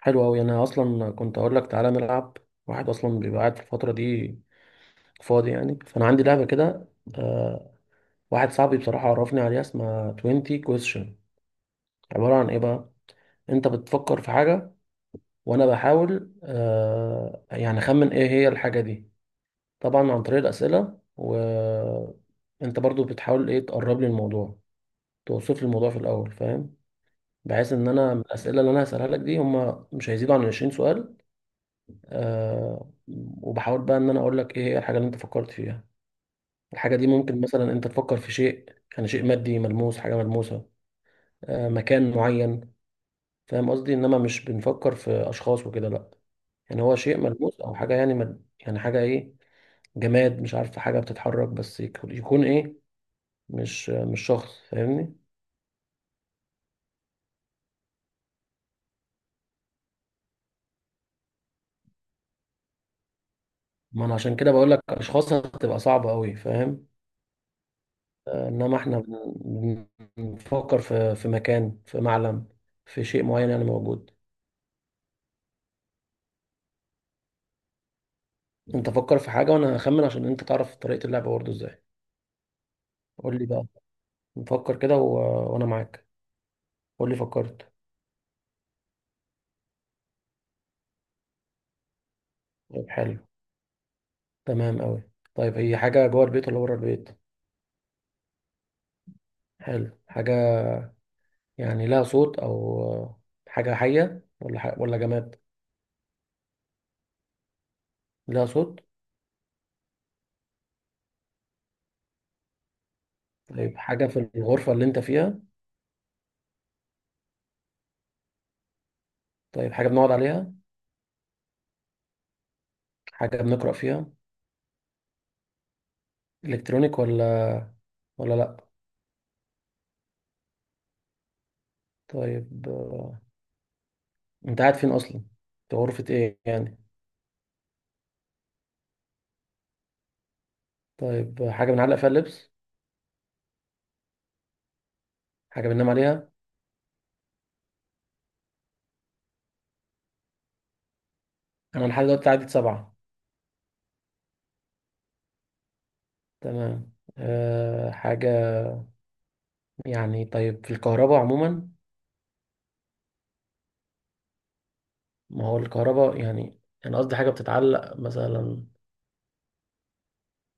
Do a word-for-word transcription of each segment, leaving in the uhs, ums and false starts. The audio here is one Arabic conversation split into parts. حلو أوي. أنا أصلا كنت أقول لك تعالى نلعب. واحد أصلا بيبقى قاعد في الفترة دي فاضي يعني، فأنا عندي لعبة كده. آه. واحد صاحبي بصراحة عرفني عليها اسمها عشرين question. عبارة عن إيه بقى؟ أنت بتفكر في حاجة، وأنا بحاول آه يعني أخمن إيه هي الحاجة دي، طبعا عن طريق الأسئلة، وأنت برضو بتحاول إيه، تقرب لي الموضوع، توصف لي الموضوع في الأول، فاهم؟ بحيث إن أنا من الأسئلة اللي أنا هسألها لك دي هما مش هيزيدوا عن 20 سؤال. آه. وبحاول بقى ان انا اقول لك ايه هي الحاجه اللي انت فكرت فيها. الحاجه دي ممكن مثلا انت تفكر في شيء، يعني شيء مادي ملموس، حاجه ملموسه، آه، مكان معين. فاهم قصدي؟ انما مش بنفكر في اشخاص وكده، لا. يعني هو شيء ملموس او حاجه، يعني مد... يعني حاجه ايه، جماد، مش عارف، حاجه بتتحرك، بس يكون يكون ايه، مش مش شخص، فاهمني؟ ما انا عشان كده بقول لك اشخاص هتبقى صعبه قوي، فاهم؟ آه، انما احنا بن- بنفكر في في مكان، في معلم، في شيء معين يعني موجود. انت فكر في حاجة وانا هخمن، عشان انت تعرف طريقة اللعبة برضه ازاي. قول لي بقى، نفكر كده و... وانا معاك. قول لي فكرت. طيب حلو، تمام قوي. طيب هي حاجة جوه البيت ولا بره البيت؟ حلو. حاجة يعني لها صوت، او حاجة حية ولا ح... ولا جماد؟ لها صوت؟ طيب حاجة في الغرفة اللي انت فيها؟ طيب حاجة بنقعد عليها؟ حاجة بنقرأ فيها؟ الكترونيك ولا ولا لا؟ طيب آه، انت قاعد فين اصلا؟ في غرفة ايه يعني؟ طيب حاجة بنعلق فيها اللبس؟ حاجة بننام عليها؟ أنا لحد دلوقتي عدد سبعة. تمام. أه، حاجة يعني، طيب في الكهرباء عموما؟ ما هو الكهرباء يعني، أنا قصدي حاجة بتتعلق مثلا.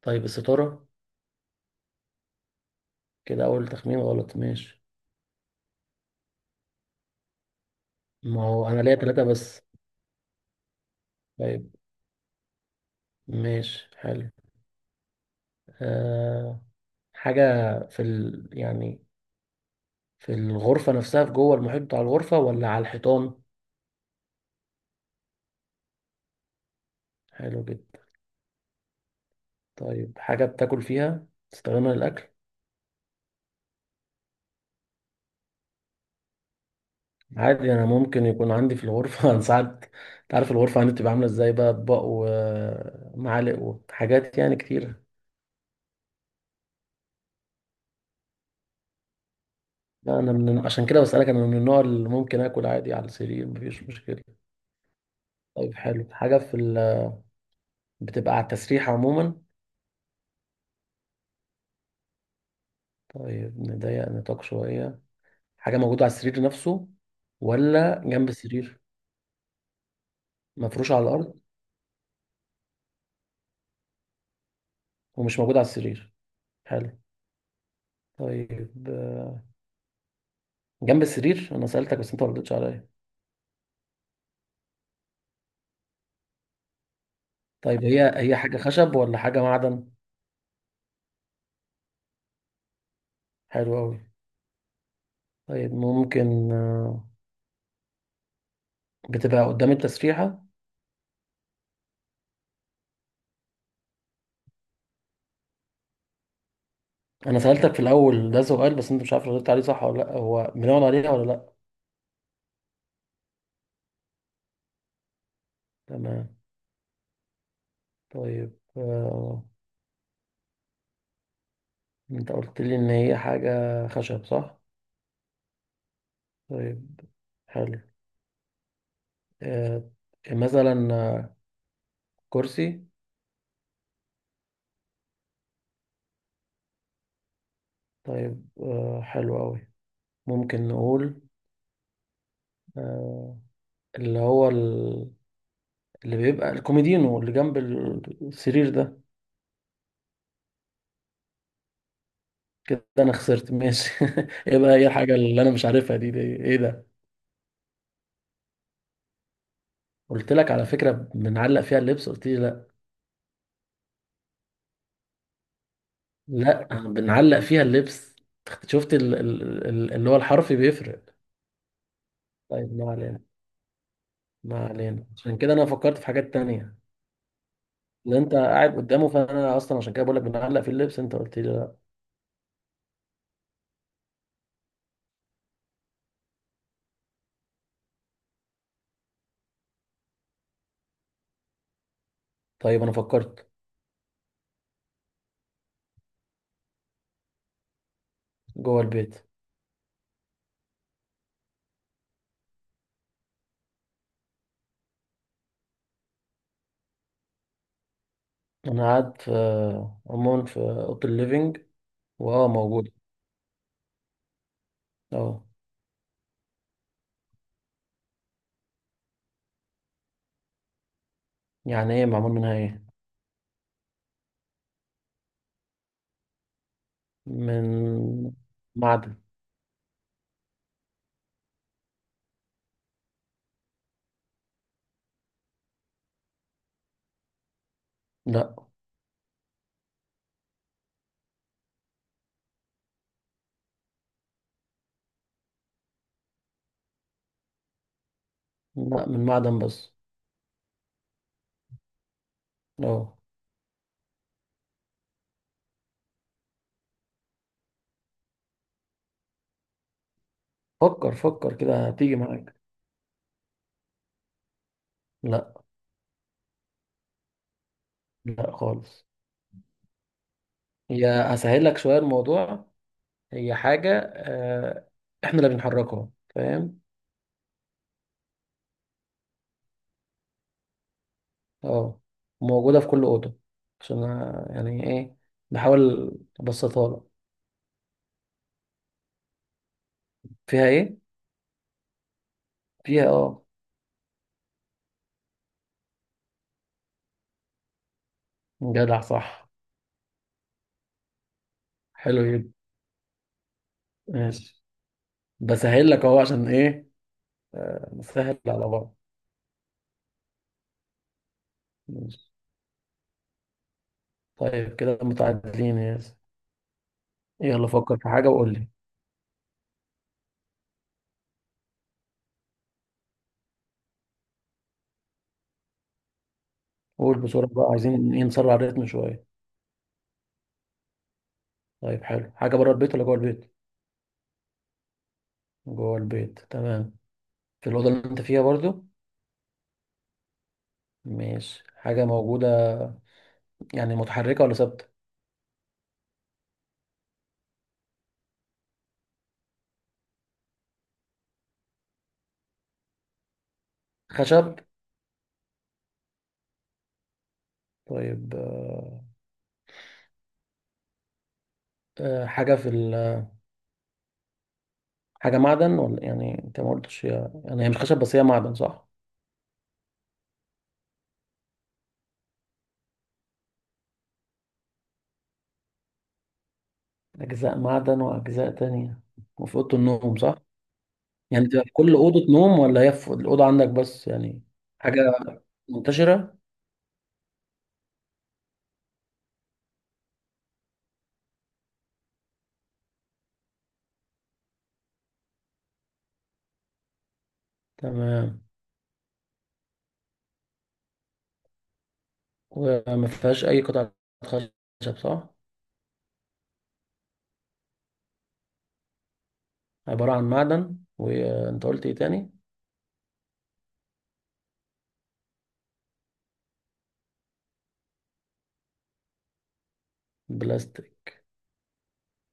طيب الستارة؟ كده أول تخمين غلط، ماشي. ما هو أنا ليا تلاتة بس. طيب ماشي، حلو. أه، حاجة في ال يعني في الغرفة نفسها، في جوه المحيط بتاع الغرفة، ولا على الحيطان؟ حلو جدا. طيب حاجة بتاكل فيها، تستخدمها للأكل؟ عادي انا ممكن يكون عندي في الغرفه انا ساعات، انت عارف الغرفه عندي بتبقى عامله ازاي، بقى اطباق ومعالق وحاجات يعني كتير. لا، انا من عشان كده بسالك، انا من النوع اللي ممكن اكل عادي على السرير، مفيش مشكله. طيب حلو، حاجه في ال... بتبقى على التسريح عموما؟ طيب نضيق نطاق شويه، حاجه موجوده على السرير نفسه ولا جنب السرير؟ مفروش على الارض؟ ومش موجوده على السرير؟ حلو. طيب جنب السرير انا سالتك بس انت ما ردتش عليا. طيب هي هي حاجه خشب ولا حاجه معدن؟ حلو أوي. طيب ممكن آه، بتبقى قدام التسريحة؟ أنا سألتك في الأول ده سؤال، بس أنت مش عارف ردت عليه صح ولا لأ، هو بنقعد عليها ولا لأ؟ تمام. طيب آه، أنت قلت لي إن هي حاجة خشب صح؟ طيب حلو، آه، مثلا آه، كرسي؟ طيب آه، حلو أوي. ممكن نقول آه، اللي هو ال- اللي بيبقى الكوميدينو اللي جنب السرير ده؟ كده انا خسرت ماشي. ايه بقى هي الحاجه اللي انا مش عارفها دي، دي ايه ده؟ قلت لك على فكره بنعلق فيها اللبس، قلت لي لا. لا، بنعلق فيها اللبس. شفت ال... ال... ال- اللي هو الحرف بيفرق. طيب ما علينا. ما علينا، عشان كده انا فكرت في حاجات تانية. اللي انت قاعد قدامه، فانا اصلا عشان كده بقول لك بنعلق في اللبس، انت قلت لي لا. طيب انا فكرت. جوه البيت. انا قاعد في عموما في اوضه الليفينج. واه موجود. اه. يعني ايه معمول منها ايه؟ من معدن. لا، لا، من معدن بس. اه. فكر فكر كده هتيجي معاك. لا. لا خالص. هي، هسهل لك شوية الموضوع، هي حاجة آه، احنا اللي بنحركها، فاهم؟ اه، موجودة في كل أوضة، عشان أنا يعني ايه، بحاول ابسطها لك. فيها ايه؟ فيها اه. جدع صح. حلو جدا. ماشي. بسهل لك اهو، عشان ايه، آه، نسهل على بعض. ماشي. طيب كده متعادلين يا ياسر. يلا فكر في حاجة وقول لي. قول بسرعة بقى، عايزين ايه، نسرع الريتم شوية. طيب حلو، حاجة بره البيت ولا جوه البيت؟ جوه البيت تمام. في الأوضة اللي أنت فيها برضو؟ ماشي. حاجة موجودة يعني متحركة ولا ثابتة؟ خشب؟ طيب آه، آه، حاجة في ال... حاجة معدن، ولا يعني أنت ما قلتش، هي- يعني هي مش خشب، بس هي معدن صح؟ أجزاء معدن وأجزاء تانية، وفي أوضة النوم صح؟ يعني بتبقى في كل أوضة نوم، ولا هي في الأوضة عندك بس يعني؟ حاجة منتشرة؟ تمام. وما فيهاش أي قطعة خشب صح؟ عبارة عن معدن، وانت قلت ايه تاني؟ بلاستيك.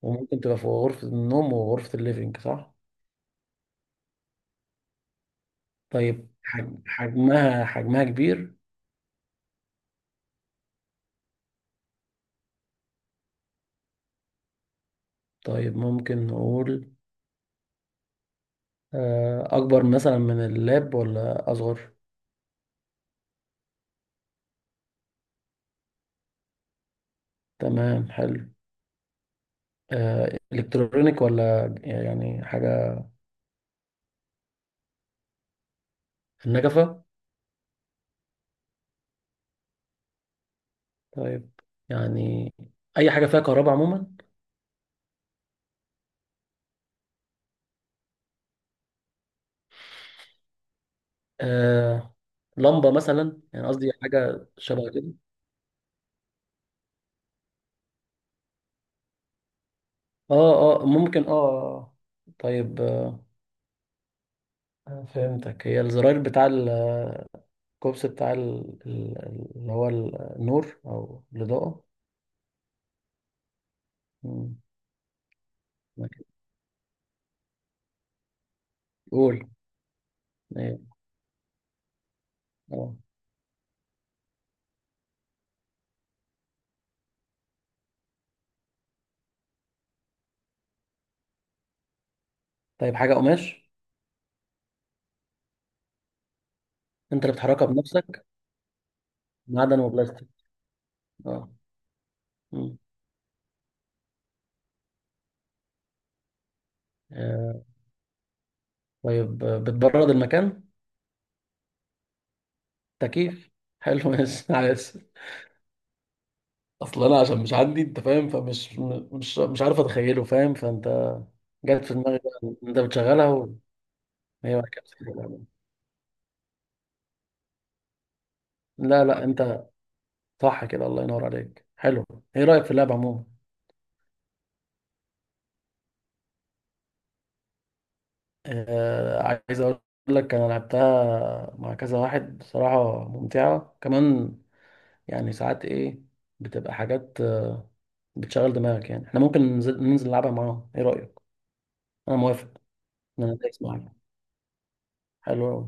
وممكن تبقى في غرفة النوم وغرفة الليفينج صح؟ طيب حج- حجمها، حجمها كبير؟ طيب ممكن نقول آه، أكبر مثلا من اللاب ولا أصغر؟ تمام حلو. آه، إلكترونيك ولا يعني حاجة؟ النجفة؟ طيب يعني أي حاجة فيها كهرباء عموما؟ آه، لمبة مثلا، يعني قصدي حاجة شبه كده. اه اه ممكن اه آه. طيب آه، آه، فهمتك، هي الزراير بتاع الكوبس، بتاع ال- ال- اللي هو النور او الاضاءه؟ مم. قول. ايه. اه. طيب حاجه قماش؟ انت اللي بتحركها بنفسك؟ معدن وبلاستيك. اه. مم. آه، طيب آه، بتبرد المكان؟ تكييف. حلو ماشي. عايز، اصل انا عشان مش عندي، انت فاهم، فمش م- مش مش عارف اتخيله، فاهم، فانت. جت في دماغي بقى إن انت بتشغلها، وهي بعد كده بتتحرك. لا لا انت صح كده، الله ينور عليك، حلو. ايه رأيك في اللعبة عموما؟ آه، عايز اقول لك، انا لعبتها مع كذا واحد بصراحة، ممتعة كمان، يعني ساعات ايه، بتبقى حاجات آه، بتشغل دماغك، يعني احنا ممكن ننزل ننزل نلعبها معاهم، ايه رأيك؟ انا موافق، انا دايس معاك. حلو أوي.